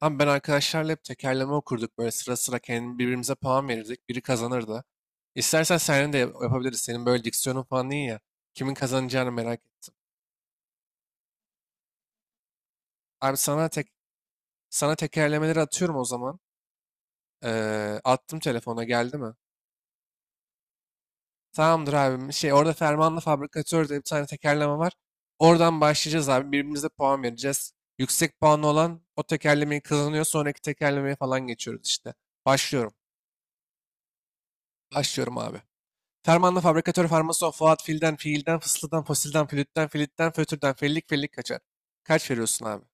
Abi ben arkadaşlarla hep tekerleme okurduk. Böyle sıra sıra kendi birbirimize puan verirdik. Biri kazanırdı. İstersen senin de yapabiliriz. Senin böyle diksiyonun falan iyi ya. Kimin kazanacağını merak ettim. Abi sana tekerlemeleri atıyorum o zaman. Attım telefona geldi mi? Tamamdır abim. Şey orada Fermanlı Fabrikatör diye bir tane tekerleme var. Oradan başlayacağız abi. Birbirimize puan vereceğiz. Yüksek puanlı olan o tekerlemeyi kazanıyor. Sonraki tekerlemeye falan geçiyoruz işte. Başlıyorum. Başlıyorum abi. Fermanlı fabrikatör farmason Fuat filden, fiilden, fısıldan, fosilden, flütten, flütten, fötürden, fellik, fellik kaçar. Kaç veriyorsun abi?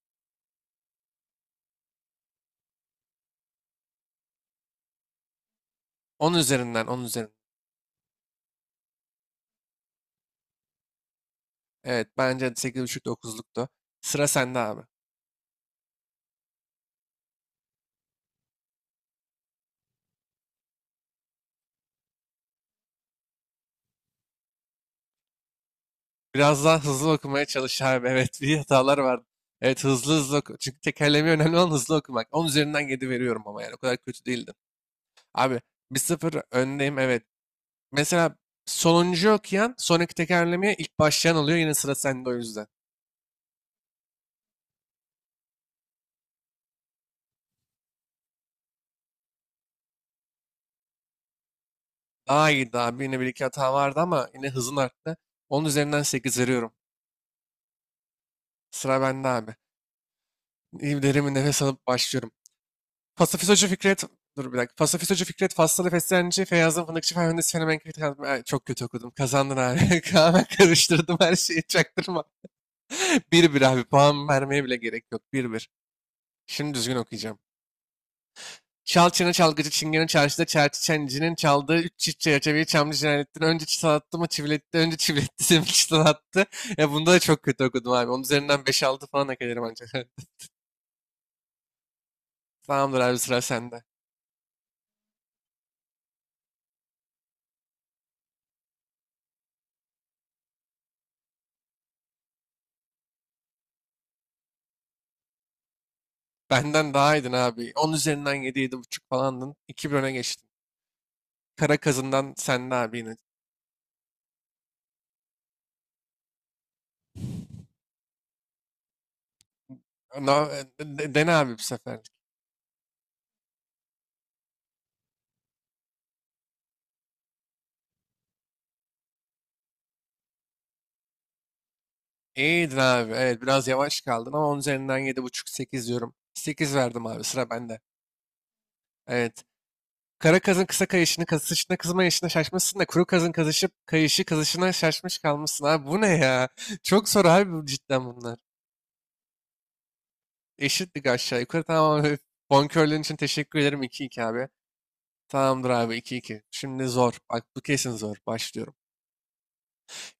10 üzerinden, on üzerinden. Evet, bence 8.5-9'luktu. Sıra sende abi. Biraz daha hızlı okumaya çalış abi. Evet, bir hatalar vardı. Evet, hızlı hızlı oku. Çünkü tekerlemeyi önemli olan hızlı okumak. 10 üzerinden 7 veriyorum ama yani o kadar kötü değildim. Abi 1-0 öndeyim, evet. Mesela sonuncu okuyan sonraki tekerlemeye ilk başlayan oluyor. Yine sıra sende o yüzden. Daha iyiydi abi. Yine bir iki hata vardı ama yine hızın arttı. Onun üzerinden 8 veriyorum. Sıra bende abi. İyi, derin bir nefes alıp başlıyorum. Pasifist Hoca Fikret... Dur bir dakika. Pasifist Hoca Fikret, Faslı Feslenci, Feyyazım Fındıkçı, Ferhandes Fenomen Kritik... Çok kötü okudum. Kazandın abi. Hemen karıştırdım her şeyi. Çaktırma. Bir bir abi. Puan vermeye bile gerek yok. Bir bir. Şimdi düzgün okuyacağım. Çal çene çalgıcı çingene çarşıda çerçi çencinin çaldığı üç çift çerçeveyi çamlı cinayettin. Önce çıtalattı mı çiviletti, önce çiviletti sonra çıtalattı. Ya bunda da çok kötü okudum abi. Onun üzerinden beş altı falan hak ederim ancak. Tamamdır abi, sıra sende. Benden daha iyiydin abi. 10 üzerinden yedi, yedi buçuk falandın. 2-1 öne geçtin. Kara kazından sende abi yine. No, dene abi bu sefer. İyiydin abi. Evet, biraz yavaş kaldın ama 10 üzerinden yedi buçuk sekiz diyorum. Sekiz verdim abi, sıra bende. Evet. Kara kazın kısa kayışını kazışına kızma yaşına şaşmışsın da kuru kazın kazışıp kayışı kazışına şaşmış kalmışsın abi. Bu ne ya? Çok zor abi bu, cidden bunlar. Eşitlik aşağı yukarı, tamam abi. Bonkörlüğün için teşekkür ederim, 2-2 abi. Tamamdır abi, 2-2. Şimdi zor. Bak bu kesin zor. Başlıyorum.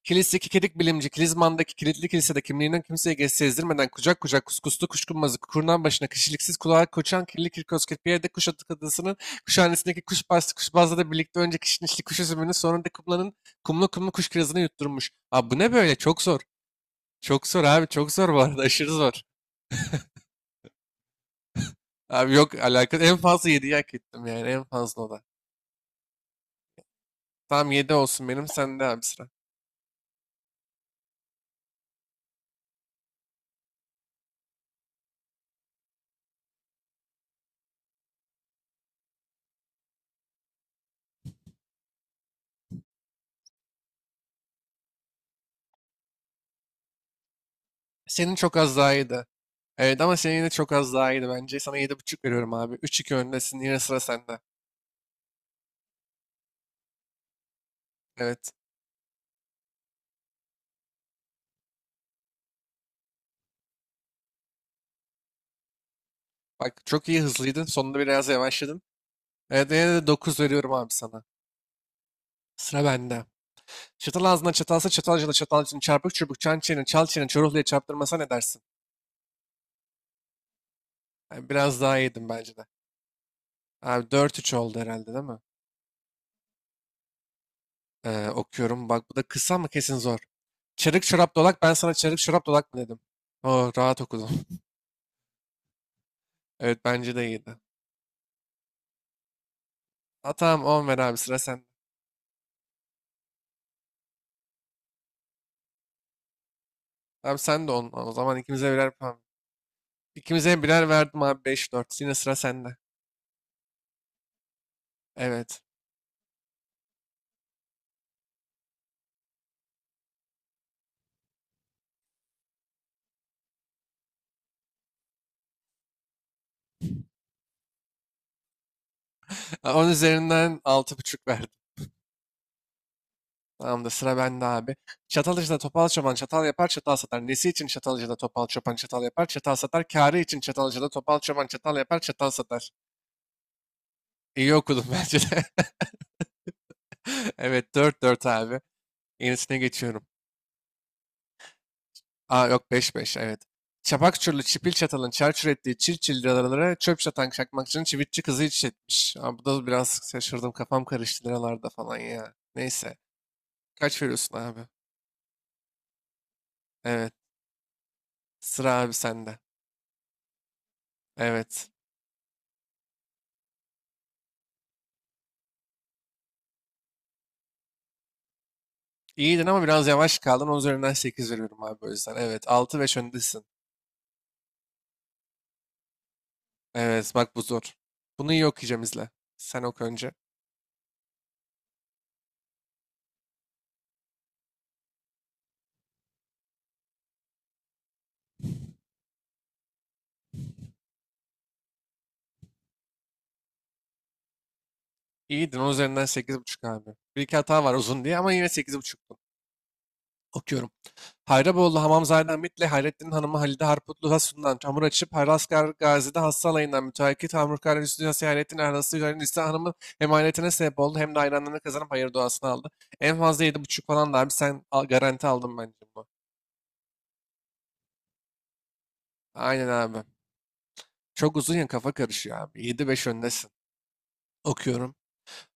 Kilis'teki kedik bilimci, Kilizman'daki kilitli kilisede kimliğinden kimseye sezdirmeden kucak kucak kuskuslu kuşkunmazı kurnan başına kişiliksiz kulağa koçan kirli kirkoz kirpiyede kuş atı adasının kuşhanesindeki kuş bastı kuşbazla da birlikte önce kişnişli kuş üzümünü sonra da kumlanın kumlu kumlu kuş kirazını yutturmuş. Abi bu ne böyle? Çok zor. Çok zor abi. Çok zor bu arada. Aşırı zor. Abi yok alakası. En fazla 7'yi hak ettim yani. En fazla o da. Tamam 7 olsun benim. Sen de abi sıra. Senin çok az daha iyiydi. Evet ama senin yine çok az daha iyiydi bence. Sana yedi buçuk veriyorum abi. 3-2 öndesin. Yine sıra sende. Evet. Bak çok iyi, hızlıydın. Sonunda biraz yavaşladın. Evet, yine de 9 veriyorum abi sana. Sıra bende. Çatal ağzına çatalsa çatalcına çatalcının çarpık çubuk çan çene çal çene çoruhluya çarptırmasa ne dersin? Yani biraz daha iyiydim bence de. Abi 4-3 oldu herhalde, değil mi? Okuyorum. Bak bu da kısa mı? Kesin zor. Çarık çorap dolak ben sana çarık çorap dolak mı dedim. Oo, rahat okudum. Evet, bence de iyiydi. Ha tamam, 10 ver abi, sıra sende. Abi sen de 10 o zaman, ikimize birer puan. İkimize birer verdim abi, 5-4. Yine sıra sende. Evet. 10 üzerinden altı buçuk verdim. Tamam da sıra bende abi. Çatalcıda topal çoban çatal yapar çatal satar. Nesi için çatalcıda topal çoban çatal yapar çatal satar. Kârı için çatalcıda topal çoban çatal yapar çatal satar. İyi okudum bence de. Evet, 4-4 abi. Yenisine geçiyorum. Aa yok, beş beş, evet. Çapak Çurlu Çipil Çatal'ın çarçur ettiği çirçil liralara çöp çatan çakmakçının çivitçi kızı iç etmiş. Aa, bu da biraz şaşırdım, kafam karıştı liralarda falan ya. Neyse. Kaç veriyorsun abi? Evet. Sıra abi sende. Evet. İyiydin ama biraz yavaş kaldın. Onun üzerinden 8 veriyorum abi o yüzden. Evet. altı 5 öndesin. Evet bak bu zor. Bunu iyi okuyacağım, izle. Sen oku önce. İyiydin. Onun üzerinden sekiz buçuk abi. Bir iki hata var uzun diye ama yine 8,5'tun. Okuyorum. Hayraboğlu Hamamzade Hamit'le Hayrettin Hanım'ı Halide Harputlu Hasun'dan çamur açıp Haraskar Gazi'de Hassal Alayı'ndan müteakit Hamurkar Hüsnü Yasih Hayrettin Erhası Hüseyin Nisa Hanım'ın hem hayretine sebep oldu hem de hayranlarını kazanıp hayır duasını aldı. En fazla yedi buçuk falan da abi, sen garanti aldın bence bunu. Aynen abi. Çok uzun ya, kafa karışıyor abi. 7-5 öndesin. Okuyorum.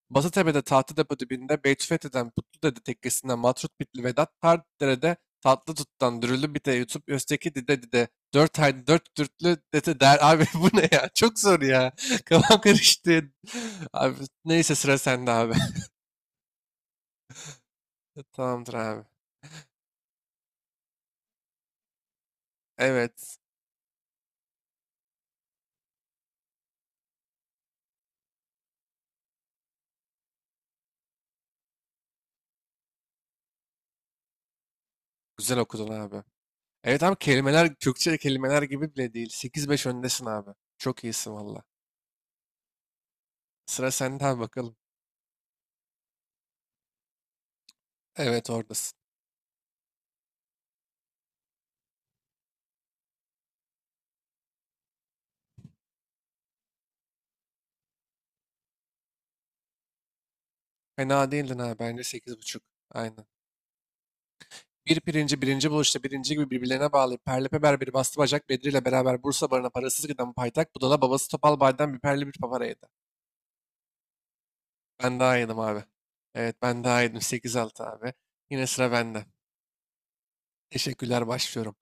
Basıtepe'de Tahtadepo dibinde Beytüfethi'den Patludede tekkesinden Matrut Bitli Vedat, Tardere'de Tatlı Tut'tan Dürülü Bite yutup Özteki Dide Dide, Dört Haydi Dört Dürtlü Dede der. Abi bu ne ya? Çok zor ya. Kafam karıştı. Abi neyse, sıra sende abi. Tamamdır abi. Evet. Güzel okudun abi. Evet abi, kelimeler Türkçe kelimeler gibi bile değil. 8-5 öndesin abi. Çok iyisin valla. Sıra sende abi bakalım. Evet, oradasın. Fena değildin abi. Bence sekiz buçuk. Aynen. Bir pirinci birinci buluşta birinci gibi birbirlerine bağlayıp perlepeber bir bastı bacak Bedri ile beraber Bursa barına parasız giden paytak budala babası Topal Bay'dan bir perli bir papara yedi. Ben daha yedim abi. Evet, ben daha yedim, 8-6 abi. Yine sıra bende. Teşekkürler, başlıyorum.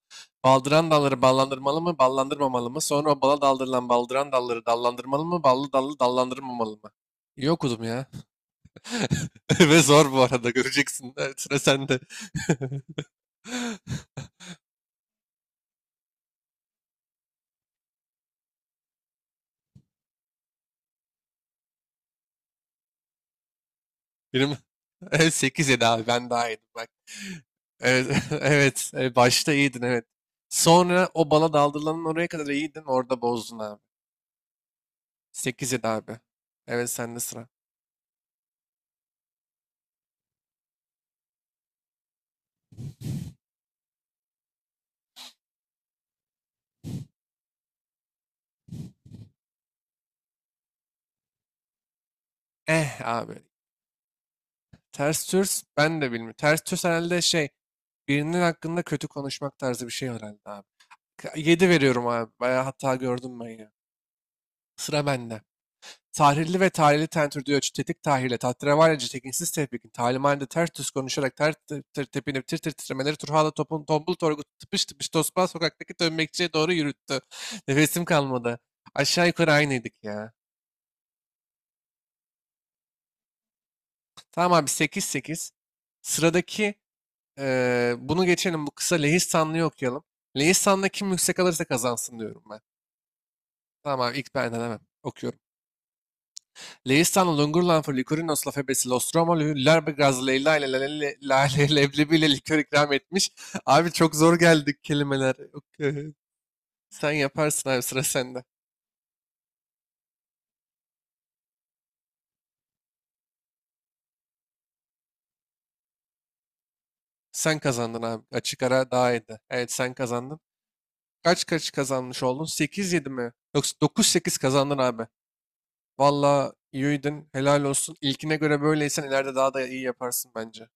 Baldıran dalları ballandırmalı mı ballandırmamalı mı? Sonra o bala daldırılan baldıran dalları dallandırmalı mı ballı dallı dallandırmamalı mı? İyi okudum ya. Ve zor bu arada, göreceksin. Evet, sıra sende. Benim, evet, 8 7 abi, ben daha yedim bak. Evet, evet. Başta iyiydin, evet. Sonra o bala daldırılanın oraya kadar iyiydin, orada bozdun abi. 8 7 abi. Evet, sende sıra. Eh abi. Ters Türs ben de bilmiyorum. Ters Türs herhalde şey, birinin hakkında kötü konuşmak tarzı bir şey herhalde abi. 7 veriyorum abi. Bayağı hata gördüm ben ya. Sıra bende. Tahrirli ve tahrili tentürdüğü ölçü, tetik tahrirle, tahterevallice, tekinsiz tevfikin, talimhanede ters düz konuşarak, ter tır tır tepinip, tir tir titremeleri, Turhala topun, tombul torgu, tıpış tıpış tosbağ sokaktaki dönmekçiye doğru yürüttü. Nefesim kalmadı. Aşağı yukarı aynıydık ya. Tamam abi, 8-8. Sıradaki bunu geçelim. Bu kısa Lehistanlı'yı okuyalım. Lehistan'da kim yüksek alırsa kazansın diyorum ben. Tamam abi, ilk ben hemen okuyorum. Leistan Lungurlan Licorinos Lafebesi Nostromo Lüller Gaz Leyla ile Lale- Lale leblebiyle likör ikram etmiş. Abi çok zor geldik kelimeler. Yok, Sen yaparsın abi, sıra sende. Sen kazandın abi. Açık ara daha iyiydi. Evet sen kazandın. Kaç kaç kazanmış oldun? 8-7 mi? Yoksa 9-8 kazandın abi. Valla iyiydin. Helal olsun. İlkine göre böyleysen ileride daha da iyi yaparsın bence.